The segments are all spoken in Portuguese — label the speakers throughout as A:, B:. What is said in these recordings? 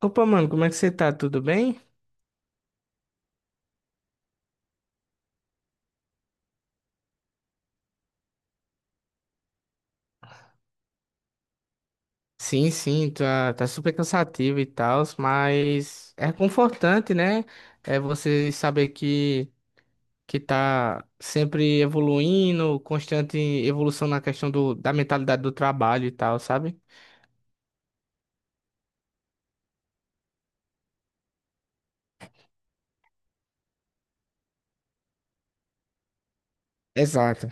A: Opa, mano, como é que você tá? Tudo bem? Sim, tá super cansativo e tal, mas é confortante, né? É você saber que tá sempre evoluindo, constante evolução na questão da mentalidade do trabalho e tal, sabe? Exato.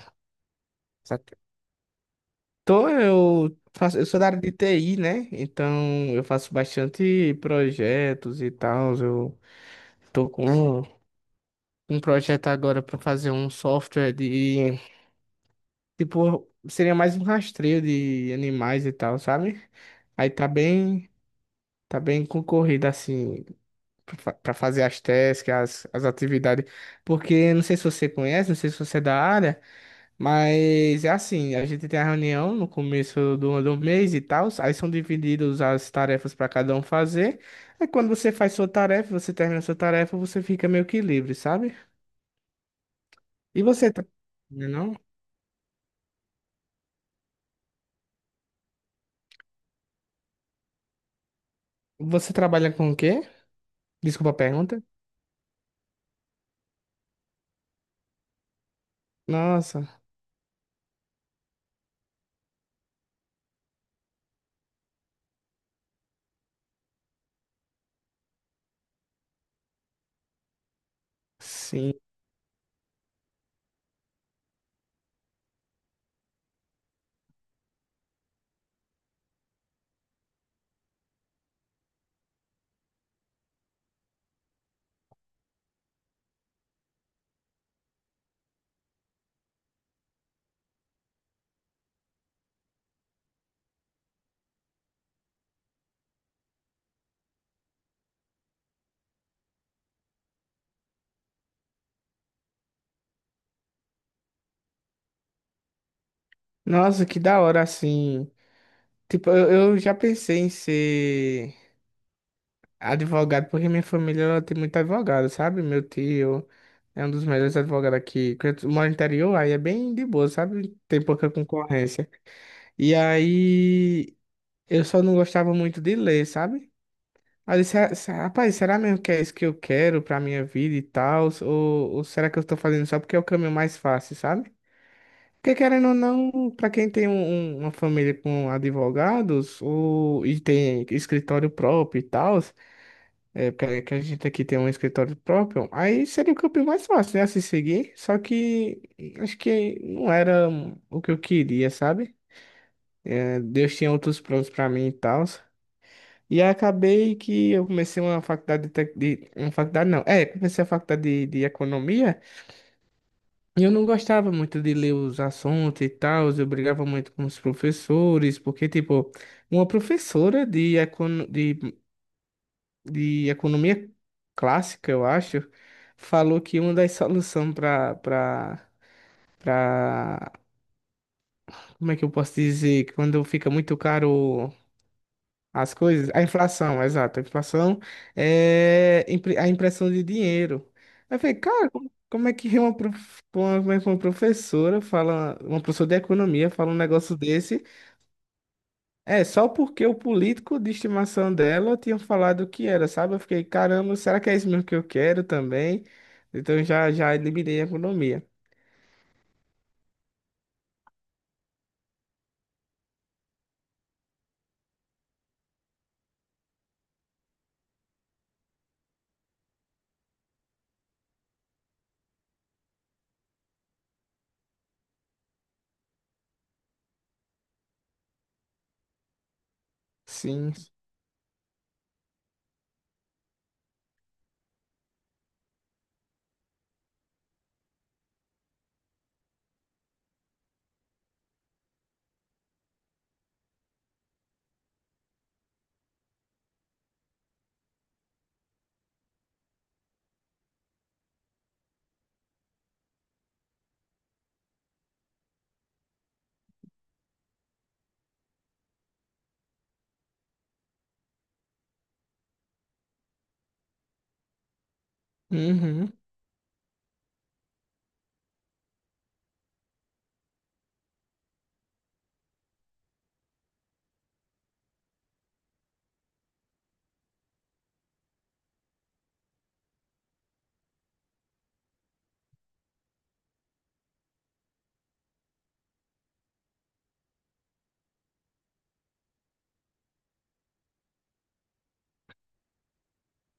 A: Exato. Então, eu sou da área de TI, né? Então, eu faço bastante projetos e tal. Eu tô com um um projeto agora para fazer um software de tipo, seria mais um rastreio de animais e tal, sabe? Aí tá bem, tá bem concorrido assim pra fazer as tasks, as atividades. Porque não sei se você conhece, não sei se você é da área, mas é assim, a gente tem a reunião no começo do mês e tal, aí são divididos as tarefas pra cada um fazer. Aí quando você faz sua tarefa, você termina sua tarefa, você fica meio que livre, sabe? E você, tra- não? É não? Você trabalha com o quê? Desculpa a pergunta. Nossa. Sim. Nossa, que da hora, assim. Tipo, eu já pensei em ser advogado, porque minha família ela tem muito advogado, sabe? Meu tio é um dos melhores advogados aqui. Quando eu moro no interior, aí é bem de boa, sabe? Tem pouca concorrência. E aí, eu só não gostava muito de ler, sabe? Aí eu disse, "Ah, rapaz, será mesmo que é isso que eu quero pra minha vida e tal? Ou será que eu tô fazendo só porque é o caminho mais fácil, sabe? Porque querendo ou não, para quem tem uma família com advogados e tem escritório próprio e tal, é, que a gente aqui tem um escritório próprio, aí seria o caminho mais fácil, né, a se seguir. Só que acho que não era o que eu queria, sabe? É, Deus tinha outros planos para mim e tal. E aí acabei que eu comecei uma faculdade uma faculdade não, é, comecei a faculdade de economia. Eu não gostava muito de ler os assuntos e tal, eu brigava muito com os professores, porque, tipo, uma professora de economia clássica, eu acho, falou que uma das soluções para, como é que eu posso dizer, quando fica muito caro as coisas, a inflação, exato. A inflação a impressão de dinheiro. Aí eu falei, cara, como é que como é que uma professora fala, uma professora de economia fala um negócio desse? É, só porque o político de estimação dela tinha falado o que era, sabe? Eu fiquei, caramba, será que é isso mesmo que eu quero também? Então já eliminei a economia. Sim. Uhum.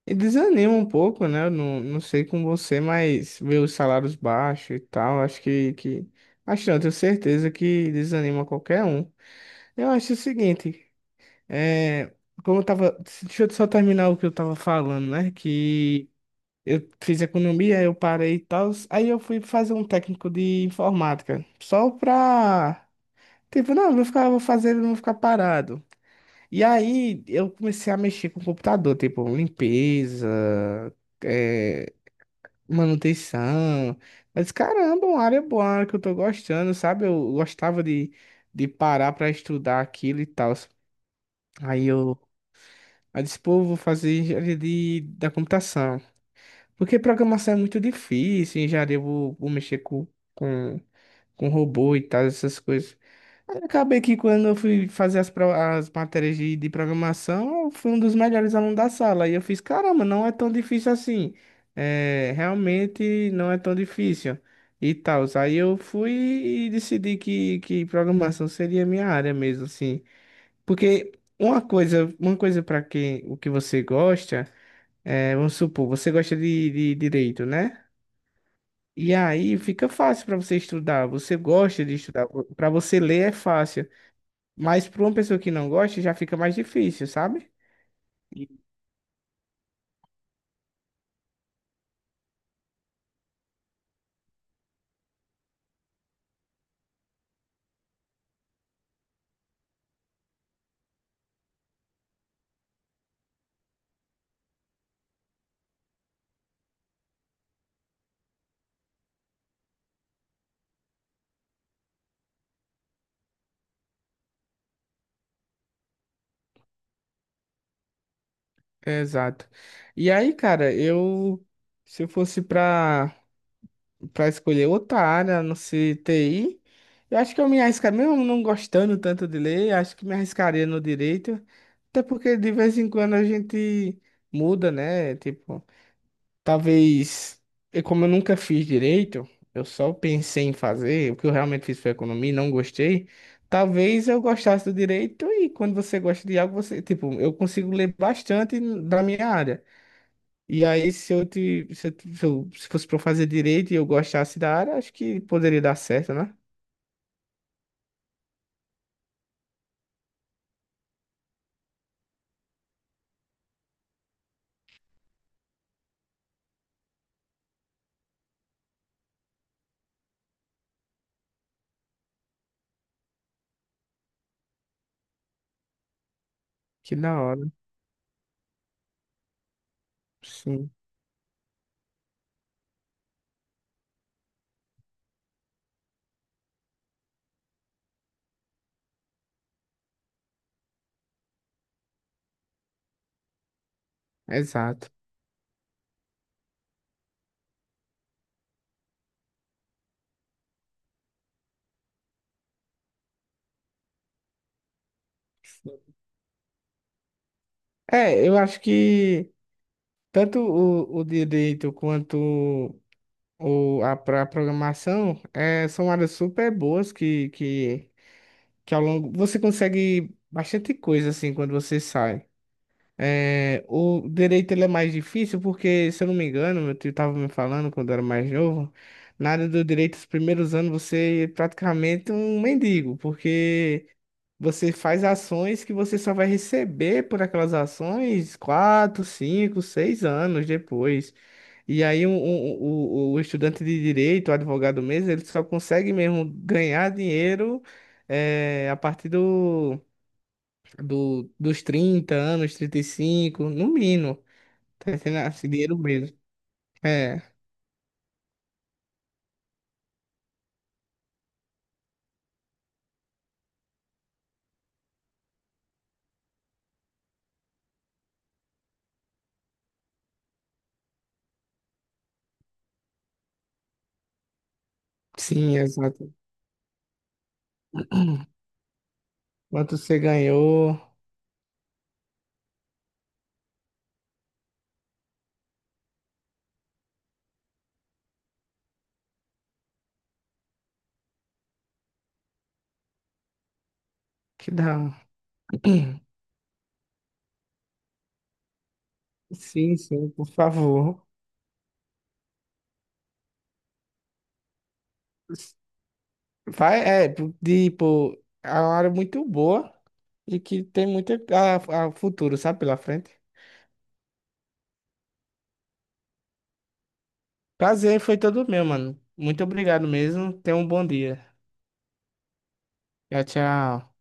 A: E desanima um pouco, né? Eu não, não sei com você, mas ver os salários baixos e tal, acho que... Acho não, tenho certeza que desanima qualquer um. Eu acho o seguinte, é... Como eu tava... Deixa eu só terminar o que eu tava falando, né? Que eu fiz economia, eu parei e tal, aí eu fui fazer um técnico de informática, só pra... Tipo, não, eu vou fazer, eu não vou ficar parado. E aí eu comecei a mexer com o computador, tipo, limpeza é, manutenção. Mas caramba, uma área boa, uma área que eu tô gostando, sabe? Eu gostava de parar pra estudar aquilo e tal. Aí eu, aí disse, pô, eu vou fazer engenharia da computação. Porque programação é muito difícil, engenharia vou mexer com, com robô e tal, essas coisas. Aí acabei que quando eu fui fazer as matérias de programação, eu fui um dos melhores alunos da sala. E eu fiz, caramba, não é tão difícil assim. É, realmente não é tão difícil. E tal. Aí eu fui e decidi que programação seria a minha área mesmo, assim. Porque uma coisa para quem o que você gosta, é, vamos supor, você gosta de direito, né? E aí fica fácil para você estudar. Você gosta de estudar. Para você ler é fácil. Mas para uma pessoa que não gosta, já fica mais difícil, sabe? E- Exato. E aí, cara, eu se eu fosse pra para escolher outra área, não sei, TI, eu acho que eu me arriscaria, mesmo não gostando tanto de ler, acho que me arriscaria no direito, até porque de vez em quando a gente muda, né? Tipo, talvez, e como eu nunca fiz direito, eu só pensei em fazer, o que eu realmente fiz foi economia, e não gostei. Talvez eu gostasse do direito e quando você gosta de algo, você, tipo, eu consigo ler bastante da minha área. E aí, se eu te, se eu, te- se eu- se fosse para fazer direito e eu gostasse da área, acho que poderia dar certo, né? Que da hora. Sim, exato. É, eu acho que tanto o direito quanto ou pra programação é, são áreas super boas que ao longo você consegue bastante coisa assim quando você sai. É, o direito ele é mais difícil porque, se eu não me engano, meu tio estava me falando quando eu era mais novo, na área do direito, os primeiros anos você é praticamente um mendigo, porque você faz ações que você só vai receber por aquelas ações 4, 5, 6 anos depois. E aí o estudante de direito, o advogado mesmo, ele só consegue mesmo ganhar dinheiro eh, a partir dos 30 anos, 35 no mínimo. Tá entendendo? Assim, dinheiro mesmo. É, sim, exato. Quanto você ganhou? Que dá. Sim, sim, por favor. Vai, é, tipo, é uma área muito boa e que tem muito a futuro, sabe, pela frente. Prazer foi todo meu, mano. Muito obrigado mesmo. Tenha um bom dia. Tchau, tchau.